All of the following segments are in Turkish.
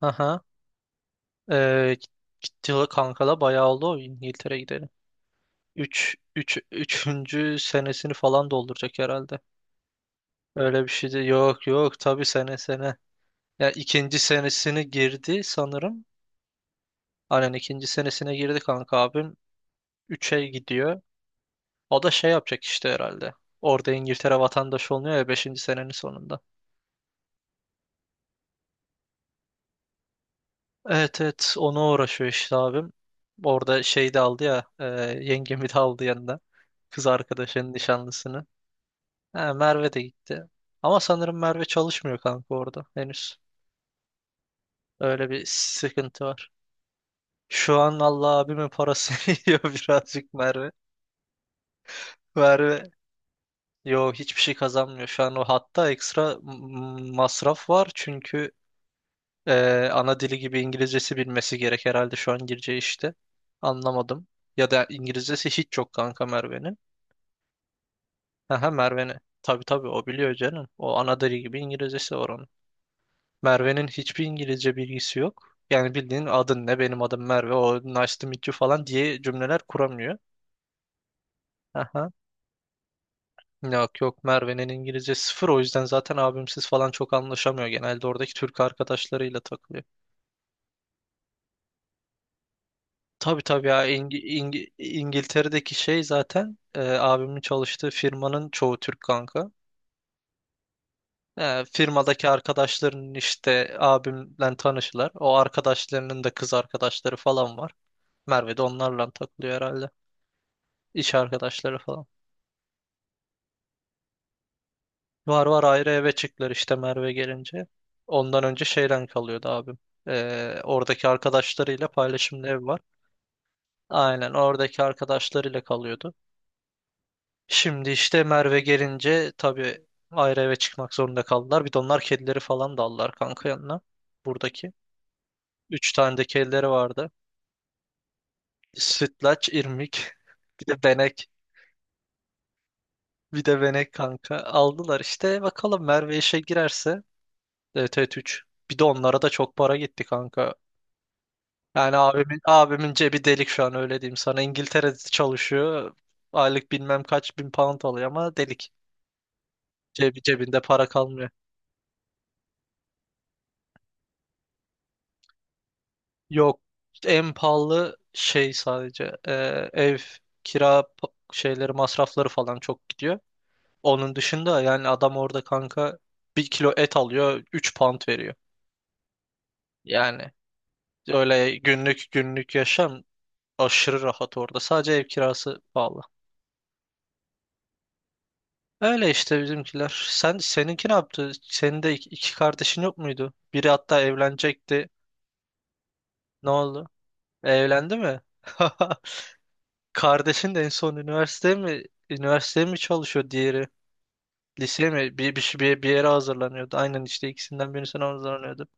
Aha. Ee, Gitti kankala bayağı oldu o İngiltere gideli. Üç 3 üçüncü senesini falan dolduracak herhalde. Öyle bir şey de yok tabii sene sene. Ya ikinci senesini girdi sanırım. Aynen ikinci senesine girdi kanka abim. 3'e gidiyor. O da şey yapacak işte herhalde. Orada İngiltere vatandaşı oluyor ya 5. senenin sonunda. Evet evet, ona uğraşıyor işte abim. Orada şey de aldı ya, yengemi de aldı yanında. Kız arkadaşının nişanlısını. Ha, Merve de gitti. Ama sanırım Merve çalışmıyor kanka orada henüz. Öyle bir sıkıntı var. Şu an Allah abimin parasını yiyor birazcık Merve. Merve yo, hiçbir şey kazanmıyor. Şu an o hatta ekstra masraf var. Çünkü ana dili gibi İngilizcesi bilmesi gerek herhalde şu an gireceği işte. Anlamadım. Ya da İngilizcesi hiç yok kanka Merve'nin. Aha, Merve'nin. Tabii tabii, o biliyor canım. O ana dili gibi İngilizcesi var onun. Merve'nin hiçbir İngilizce bilgisi yok. Yani bildiğin adın ne, benim adım Merve, o nice to meet you falan diye cümleler kuramıyor. Aha. Yok Merve'nin İngilizce sıfır, o yüzden zaten abimsiz falan çok anlaşamıyor. Genelde oradaki Türk arkadaşlarıyla takılıyor. Tabii tabii ya, İngiltere'deki şey zaten, abimin çalıştığı firmanın çoğu Türk kanka. E, firmadaki arkadaşların işte abimle tanışırlar. O arkadaşlarının da kız arkadaşları falan var. Merve de onlarla takılıyor herhalde. İş arkadaşları falan. Var, ayrı eve çıktılar işte Merve gelince. Ondan önce şeyden kalıyordu abim. Oradaki arkadaşlarıyla paylaşımlı ev var. Aynen, oradaki arkadaşlarıyla kalıyordu. Şimdi işte Merve gelince tabii ayrı eve çıkmak zorunda kaldılar. Bir de onlar kedileri falan da aldılar kanka yanına. Buradaki. Üç tane de kedileri vardı. Sütlaç, irmik, bir de benek. Bir de benek kanka. Aldılar işte. Bakalım Merve işe girerse. Evet evet, 3. Bir de onlara da çok para gitti kanka. Yani abimin cebi delik şu an, öyle diyeyim sana. İngiltere'de çalışıyor. Aylık bilmem kaç bin pound alıyor ama delik. Cebi, cebinde para kalmıyor. Yok, en pahalı şey sadece ev şeyleri, masrafları falan çok gidiyor. Onun dışında yani adam orada kanka bir kilo et alıyor 3 pound veriyor. Yani öyle günlük günlük yaşam aşırı rahat orada. Sadece ev kirası pahalı. Öyle işte bizimkiler. Sen, seninki ne yaptı? Senin de iki kardeşin yok muydu? Biri hatta evlenecekti. Ne oldu? Evlendi mi? Kardeşin de en son üniversiteye mi, üniversiteye mi çalışıyor diğeri? Liseye mi? Bir yere hazırlanıyordu. Aynen işte ikisinden birisine hazırlanıyordu.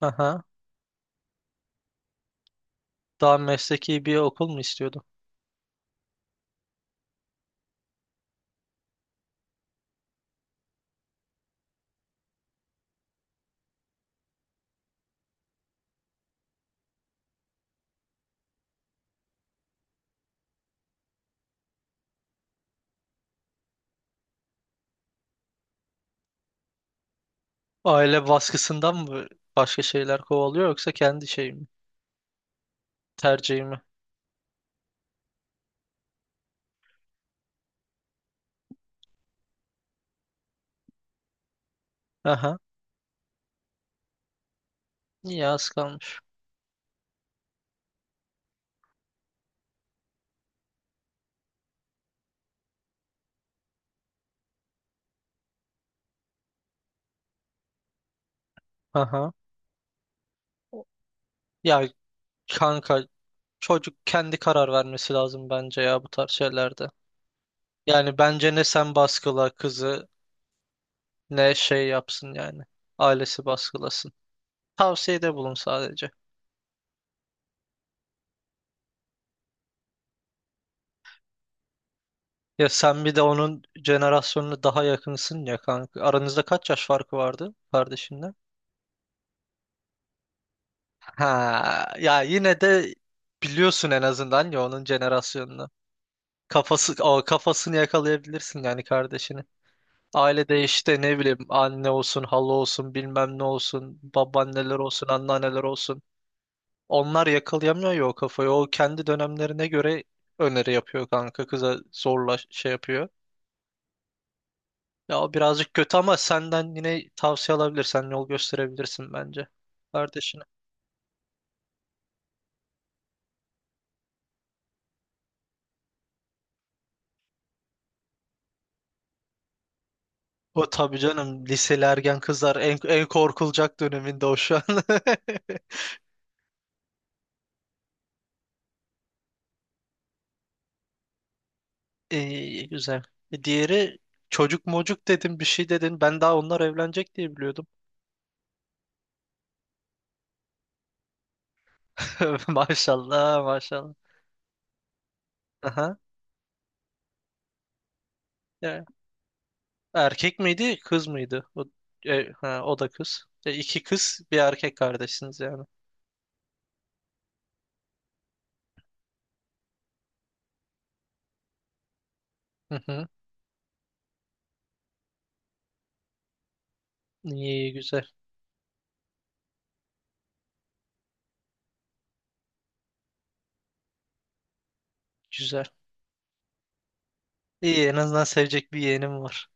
Aha. Daha mesleki bir okul mu istiyordu? Aile baskısından mı başka şeyler kovalıyor, yoksa kendi şey mi? Tercihi mi? Aha. İyi, az kalmış. Aha. Ya kanka, çocuk kendi karar vermesi lazım bence ya bu tarz şeylerde. Yani bence ne sen baskıla kızı ne şey yapsın yani. Ailesi baskılasın. Tavsiyede bulun sadece. Ya sen bir de onun jenerasyonuna daha yakınsın ya kanka. Aranızda kaç yaş farkı vardı kardeşinle? Ha, ya yine de biliyorsun en azından ya onun jenerasyonunu. Kafası, o kafasını yakalayabilirsin yani kardeşini. Ailede işte, ne bileyim, anne olsun, hala olsun, bilmem ne olsun, babaanneler olsun, anneanneler olsun. Onlar yakalayamıyor ya o kafayı. O kendi dönemlerine göre öneri yapıyor kanka. Kıza zorla şey yapıyor. Ya o birazcık kötü ama senden yine tavsiye alabilirsen yol gösterebilirsin bence kardeşine. O tabii canım, liseli ergen kızlar en, en korkulacak döneminde o şu an. İyi, güzel. E, Diğeri çocuk mocuk dedin, bir şey dedin. Ben daha onlar evlenecek diye biliyordum. Maşallah maşallah. Aha. Ya, erkek miydi kız mıydı? O, ha, o da kız. E, iki kız bir erkek kardeşsiniz yani. Hı hı. İyi iyi, güzel güzel. İyi, en azından sevecek bir yeğenim var.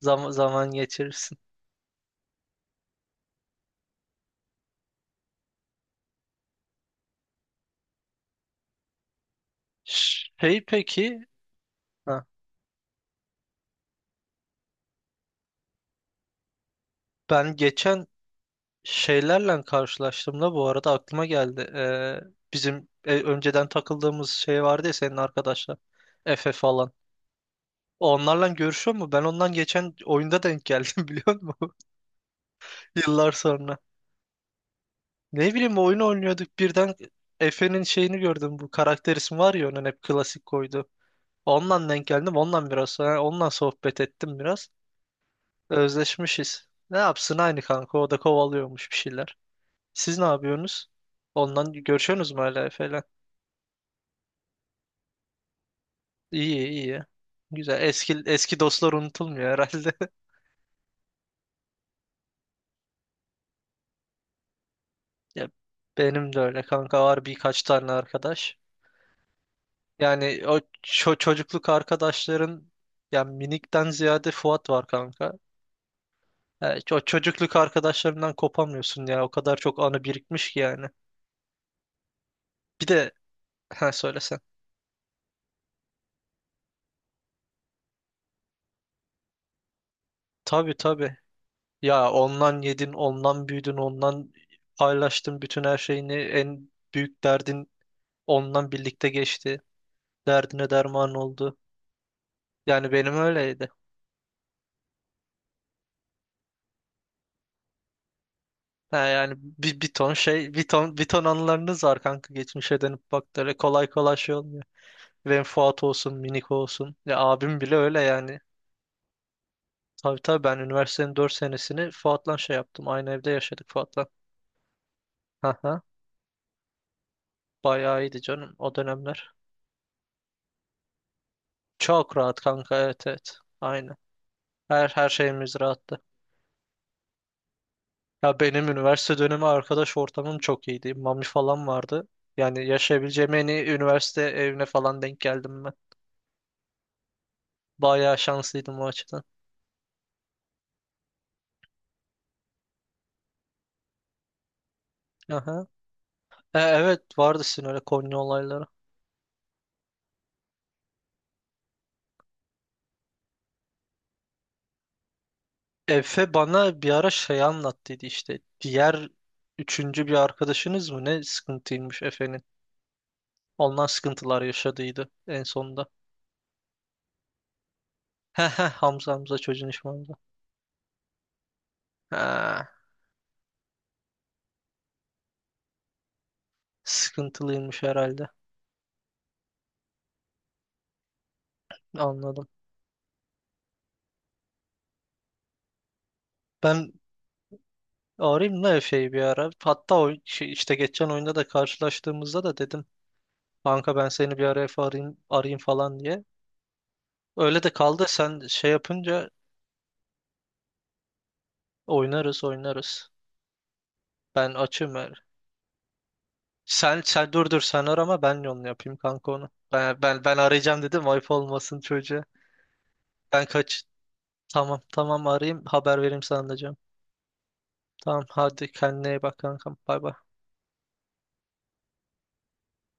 Zam zaman geçirirsin. Şey peki, ha, ben geçen şeylerle karşılaştığımda bu arada aklıma geldi. Bizim, önceden takıldığımız şey vardı ya, senin arkadaşlar. Efe falan. Onlarla görüşüyor mu? Ben ondan geçen oyunda denk geldim biliyor musun? Yıllar sonra. Ne bileyim, oyun oynuyorduk, birden Efe'nin şeyini gördüm. Bu karakter ismi var ya onun, hep klasik koydu. Ondan denk geldim. Ondan biraz sonra ondan sohbet ettim biraz. Özleşmişiz. Ne yapsın aynı kanka, o da kovalıyormuş bir şeyler. Siz ne yapıyorsunuz? Ondan görüşüyorsunuz mu hala Efe'yle? İyi iyi. Güzel. Eski eski dostlar unutulmuyor herhalde. Ya benim de öyle kanka var birkaç tane arkadaş. Yani o çocukluk arkadaşların, yani minikten ziyade Fuat var kanka. Yani o çocukluk arkadaşlarından kopamıyorsun ya. O kadar çok anı birikmiş ki yani. Bir de ha söylesen. Tabii tabii. Ya ondan yedin, ondan büyüdün, ondan paylaştın bütün her şeyini. En büyük derdin ondan birlikte geçti. Derdine derman oldu. Yani benim öyleydi. Ha yani bir ton şey, bir ton anılarınız var kanka, geçmişe dönüp bak, kolay kolay şey olmuyor. Fuat olsun, Miniko olsun. Ya abim bile öyle yani. Tabii tabii, ben üniversitenin 4 senesini Fuat'la şey yaptım. Aynı evde yaşadık Fuat'la. Haha. Bayağı iyiydi canım o dönemler. Çok rahat kanka, evet evet. Aynen. Her şeyimiz rahattı. Ya benim üniversite dönemi arkadaş ortamım çok iyiydi. Mami falan vardı. Yani yaşayabileceğim en iyi üniversite evine falan denk geldim ben. Bayağı şanslıydım o açıdan. Aha. E, evet, vardı sizin öyle Konya olayları. Efe bana bir ara şey anlattıydı işte. Diğer üçüncü bir arkadaşınız mı ne sıkıntıymış Efe'nin. Ondan sıkıntılar yaşadıydı en sonunda. He he, Hamza, Hamza çocuğun ismi Hamza. Ha, sıkıntılıymış herhalde. Anladım. Ben arayayım da Efe'yi bir ara. Hatta o işte geçen oyunda da karşılaştığımızda da dedim. Kanka ben seni bir ara Efe, arayayım falan diye. Öyle de kaldı. Sen şey yapınca oynarız. Ben açım. Sen dur, sen arama, ben onu yapayım kanka, onu. Ben arayacağım dedim, ayıp olmasın çocuğa. Ben kaç. Tamam tamam, arayayım, haber vereyim sana da canım. Tamam hadi, kendine iyi bak kankam. Bay bay.